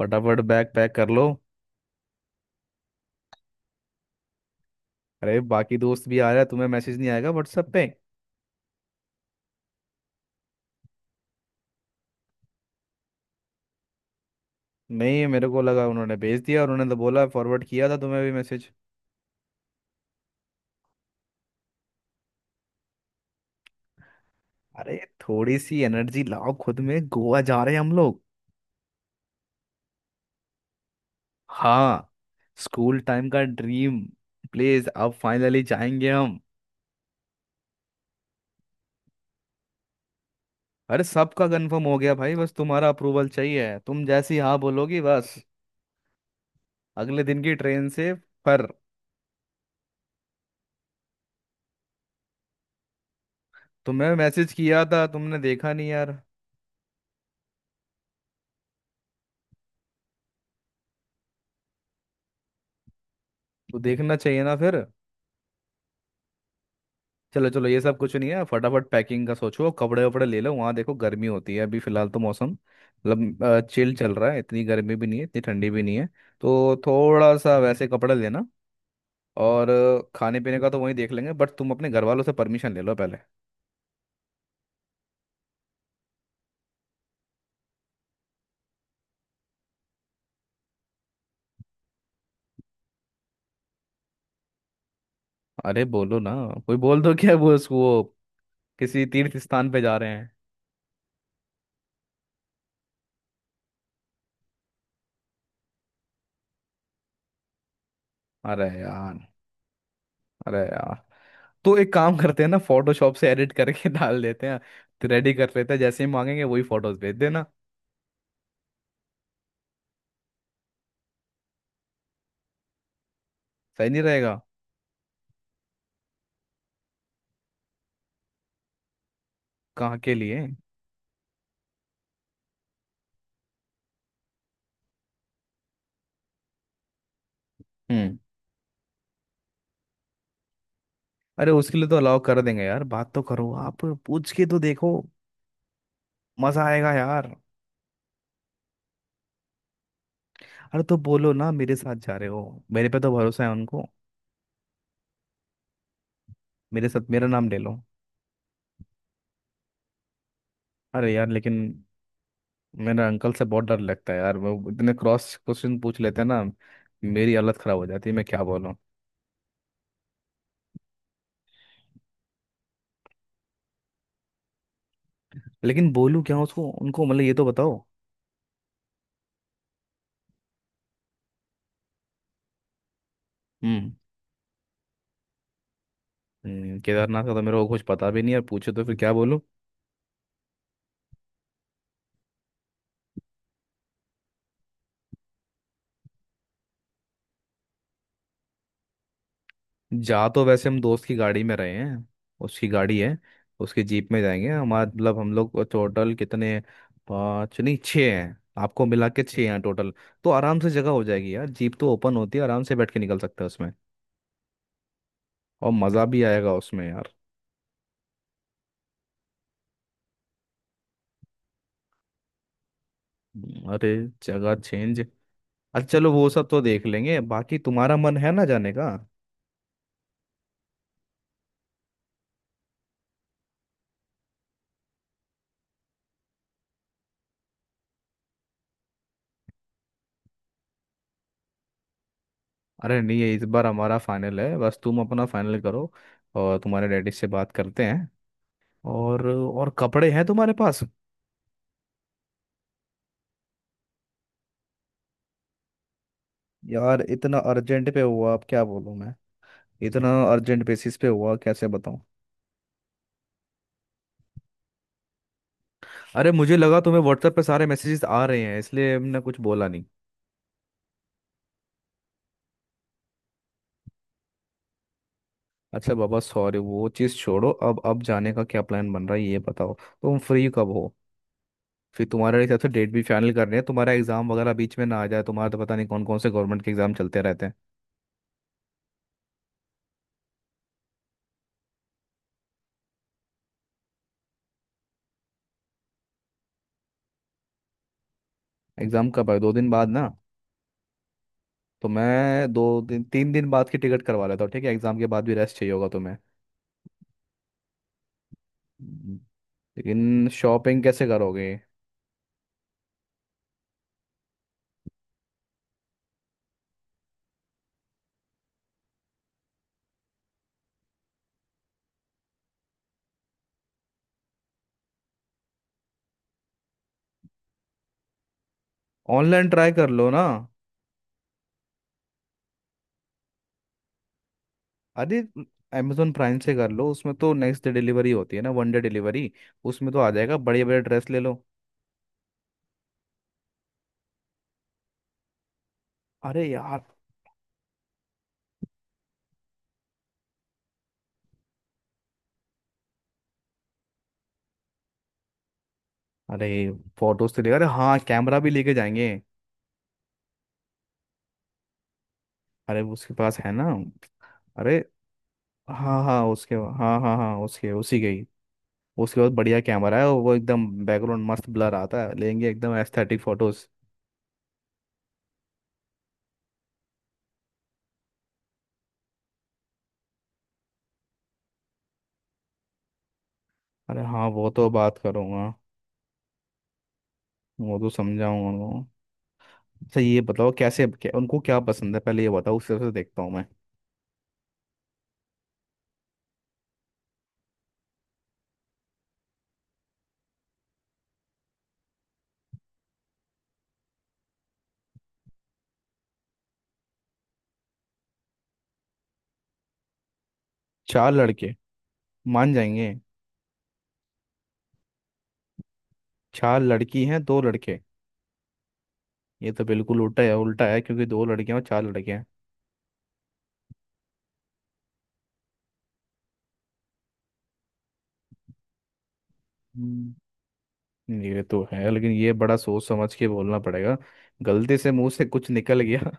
फटाफट bag pack कर लो। अरे बाकी दोस्त भी आ रहा है, तुम्हें मैसेज नहीं आएगा व्हाट्सएप पे। नहीं, मेरे को लगा उन्होंने भेज दिया और उन्होंने तो बोला फॉरवर्ड किया था तुम्हें भी मैसेज। अरे थोड़ी सी एनर्जी लाओ खुद में, गोवा जा रहे हैं हम लोग। हाँ। स्कूल टाइम का ड्रीम। प्लीज अब फाइनली जाएंगे हम। अरे सबका कंफर्म हो गया भाई, बस तुम्हारा अप्रूवल चाहिए, तुम जैसी हाँ बोलोगी बस। अगले दिन की ट्रेन से। पर। तुम्हें मैसेज किया था, तुमने देखा नहीं यार। तो देखना चाहिए ना फिर। चलो चलो ये सब कुछ नहीं है, फटाफट पैकिंग का सोचो, कपड़े वपड़े ले लो, वहाँ देखो गर्मी होती है, अभी फिलहाल तो मौसम मतलब चिल चल रहा है, इतनी गर्मी भी नहीं है, इतनी ठंडी भी नहीं है। तो थोड़ा सा वैसे कपड़े लेना। और खाने पीने का तो वहीं देख लेंगे, बट तुम अपने घर वालों से परमिशन ले लो पहले। अरे बोलो ना। कोई बोल दो, क्या वो किसी तीर्थ स्थान पे जा रहे हैं। अरे यार। अरे यार। तो एक काम करते हैं ना, फोटोशॉप से एडिट करके डाल देते हैं। रेडी कर लेते हैं, जैसे ही मांगेंगे वही फोटोज भेज देना। सही नहीं रहेगा। कहाँ के लिए। हम्म। अरे उसके लिए तो अलाउ कर देंगे यार, बात तो करो, आप पूछ के तो देखो। मजा आएगा यार। अरे तो बोलो ना, मेरे साथ जा रहे हो। मेरे पे तो भरोसा है उनको। मेरे साथ मेरा नाम ले लो। अरे यार, लेकिन मेरा अंकल से बहुत डर लगता है यार, वो इतने क्रॉस क्वेश्चन पूछ लेते हैं ना। मेरी हालत खराब हो जाती है, मैं क्या बोलूं। लेकिन बोलूं क्या उसको, उनको मतलब, ये तो बताओ। हम्म। केदारनाथ का तो मेरे को कुछ पता भी नहीं है, पूछे तो फिर क्या बोलूं। जा तो वैसे हम दोस्त की गाड़ी में रहे हैं। उसकी गाड़ी है। उसकी जीप में जाएंगे, हमारा मतलब हम लोग टोटल कितने, पाँच नहीं छः हैं। आपको मिला के छः हैं टोटल। तो आराम से जगह हो जाएगी यार, जीप तो ओपन होती है, आराम से बैठ के निकल सकते हैं उसमें। और मज़ा भी आएगा उसमें यार। अरे। जगह चेंज। अच्छा चलो, वो सब तो देख लेंगे, बाकी तुम्हारा मन है ना जाने का। अरे नहीं, ये इस बार हमारा फाइनल है, बस तुम अपना फाइनल करो। और तुम्हारे डैडी से बात करते हैं। और कपड़े हैं तुम्हारे पास। यार इतना अर्जेंट पे हुआ, अब क्या बोलूं मैं। इतना अर्जेंट बेसिस पे हुआ कैसे बताऊं। अरे मुझे लगा तुम्हें व्हाट्सएप पे सारे मैसेजेस आ रहे हैं, इसलिए हमने कुछ बोला नहीं। अच्छा बाबा सॉरी, वो चीज़ छोड़ो, अब जाने का क्या प्लान बन रहा है ये बताओ। तुम फ्री कब हो। फिर तुम्हारे हिसाब से डेट भी फाइनल करनी है, तुम्हारा एग्जाम वगैरह बीच में ना आ जाए, तुम्हारा तो पता नहीं कौन कौन से गवर्नमेंट के एग्जाम चलते रहते हैं। एग्जाम कब है, 2 दिन बाद ना। तो मैं 2 दिन 3 दिन बाद की टिकट करवा लेता हूँ, ठीक है एग्जाम के बाद भी रेस्ट चाहिए होगा तुम्हें। हम्म। लेकिन शॉपिंग कैसे करोगे। ऑनलाइन ट्राई कर लो ना। अरे अमेजोन प्राइम से कर लो, उसमें तो नेक्स्ट डे डिलीवरी होती है ना, वन डे डिलीवरी। उसमें तो आ जाएगा, बड़े बड़े ड्रेस ले लो। अरे यार। अरे फोटोज तो ले, अरे हाँ कैमरा भी लेके जाएंगे। अरे उसके पास है ना। अरे हाँ हाँ उसके, हाँ हाँ हाँ, उसके उसी के ही। उसके बाद बढ़िया कैमरा है, वो एकदम बैकग्राउंड मस्त ब्लर आता है, लेंगे एकदम एस्थेटिक फोटोज। अरे हाँ, वो तो बात करूंगा। वो तो समझाऊंगा उनको। अच्छा ये बताओ कैसे, क्या, उनको क्या पसंद है पहले ये बताओ, उस हिसाब से देखता हूँ। चार लड़के। मान जाएंगे। चार लड़की हैं, दो लड़के। ये तो बिल्कुल उल्टा है, उल्टा है क्योंकि दो लड़कियां और चार लड़के हैं। हम्म, ये तो है, लेकिन ये बड़ा सोच समझ के बोलना पड़ेगा। गलती से मुंह से कुछ निकल गया।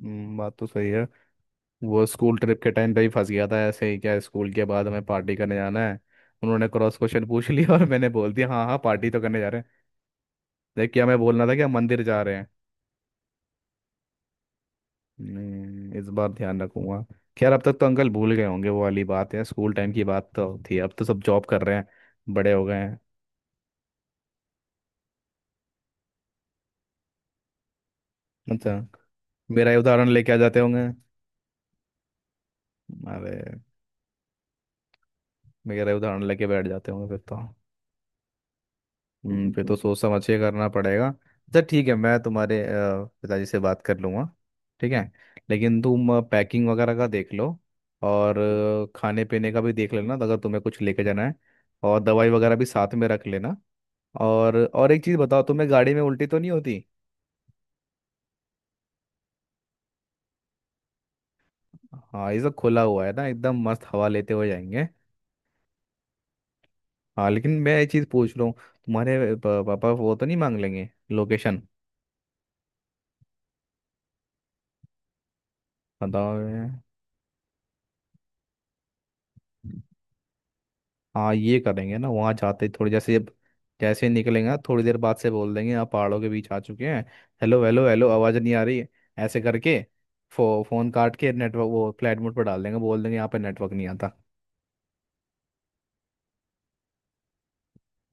बात तो सही है। वो स्कूल ट्रिप के टाइम पे ही फंस गया था, ऐसे ही, क्या, स्कूल के बाद हमें पार्टी करने जाना है। उन्होंने क्रॉस क्वेश्चन पूछ लिया और मैंने बोल दिया हाँ हाँ, पार्टी तो करने जा रहे हैं। जबकि हमें बोलना था कि हम मंदिर जा रहे हैं। नहीं, इस बार ध्यान रखूंगा। खैर अब तक तो अंकल भूल गए होंगे, वो वाली बात है, स्कूल टाइम की बात तो थी, अब तो सब जॉब कर रहे हैं। बड़े हो गए हैं। अच्छा। मेरा ही उदाहरण लेके आ जाते होंगे। अरे। मेरा ही उदाहरण लेके बैठ जाते होंगे फिर तो। फिर तो सोच समझ के करना पड़ेगा। अच्छा ठीक है, मैं तुम्हारे पिताजी से बात कर लूँगा। ठीक है। लेकिन तुम पैकिंग वगैरह का देख लो। और खाने पीने का भी देख लेना अगर तुम्हें कुछ लेके जाना है। और दवाई वगैरह भी साथ में रख लेना। और एक चीज बताओ, तुम्हें गाड़ी में उल्टी तो नहीं होती। हाँ ये सब खुला हुआ है ना, एकदम मस्त हवा लेते हुए जाएंगे। हाँ, लेकिन मैं ये चीज पूछ रहा हूँ तुम्हारे पापा वो तो नहीं मांग लेंगे लोकेशन। बताओ। हाँ ये करेंगे ना वहाँ जाते ही, थोड़ी जैसे ही निकलेंगे ना, थोड़ी देर बाद से बोल देंगे आप पहाड़ों के बीच आ चुके हैं। हेलो हेलो हेलो, आवाज़ नहीं आ रही है। ऐसे करके। फोन काट के नेटवर्क वो फ्लाइट मोड पर डाल देंगे, बोल देंगे यहाँ पे नेटवर्क नहीं आता।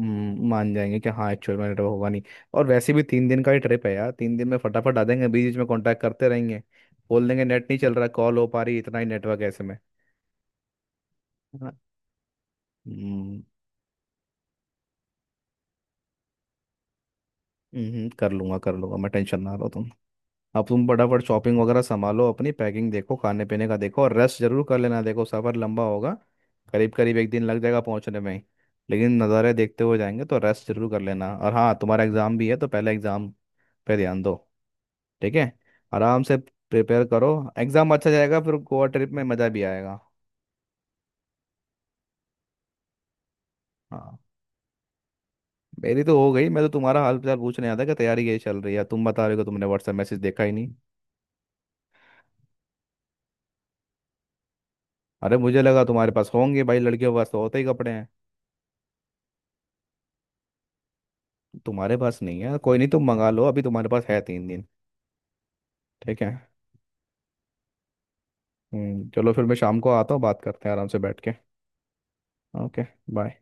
मान जाएंगे कि हाँ एक्चुअल में नेटवर्क होगा नहीं। और वैसे भी 3 दिन का ही ट्रिप है यार, 3 दिन में फटाफट आ जाएंगे, बीच बीच में कांटेक्ट करते रहेंगे। बोल देंगे नेट नहीं चल रहा, कॉल हो पा रही, इतना ही नेटवर्क ऐसे में। हाँ। हम्म। कर लूंगा मैं, टेंशन ना लो तुम। अब तुम फटाफट शॉपिंग वगैरह संभालो, अपनी पैकिंग देखो, खाने पीने का देखो और रेस्ट जरूर कर लेना, देखो सफ़र लंबा होगा। करीब करीब एक दिन लग जाएगा पहुंचने में ही। लेकिन नज़ारे देखते हुए जाएंगे तो रेस्ट जरूर कर लेना। और हाँ, तुम्हारा एग्ज़ाम भी है तो पहले एग्ज़ाम पे ध्यान दो। ठीक है। आराम से प्रिपेयर करो। एग्जाम अच्छा जाएगा फिर गोवा ट्रिप में मज़ा भी आएगा। हाँ। मेरी तो हो गई, मैं तो तुम्हारा हाल फिलहाल पूछने आया था कि तैयारी कैसी चल रही है, तुम बता रहे हो कि तुमने व्हाट्सएप मैसेज देखा ही नहीं। अरे मुझे लगा तुम्हारे पास होंगे भाई, लड़कियों के पास तो होते ही कपड़े हैं। तुम्हारे पास नहीं है, कोई नहीं, तुम मंगा लो, अभी तुम्हारे पास है 3 दिन। ठीक है। चलो फिर मैं शाम को आता हूँ, बात करते हैं आराम से बैठ के। ओके। बाय।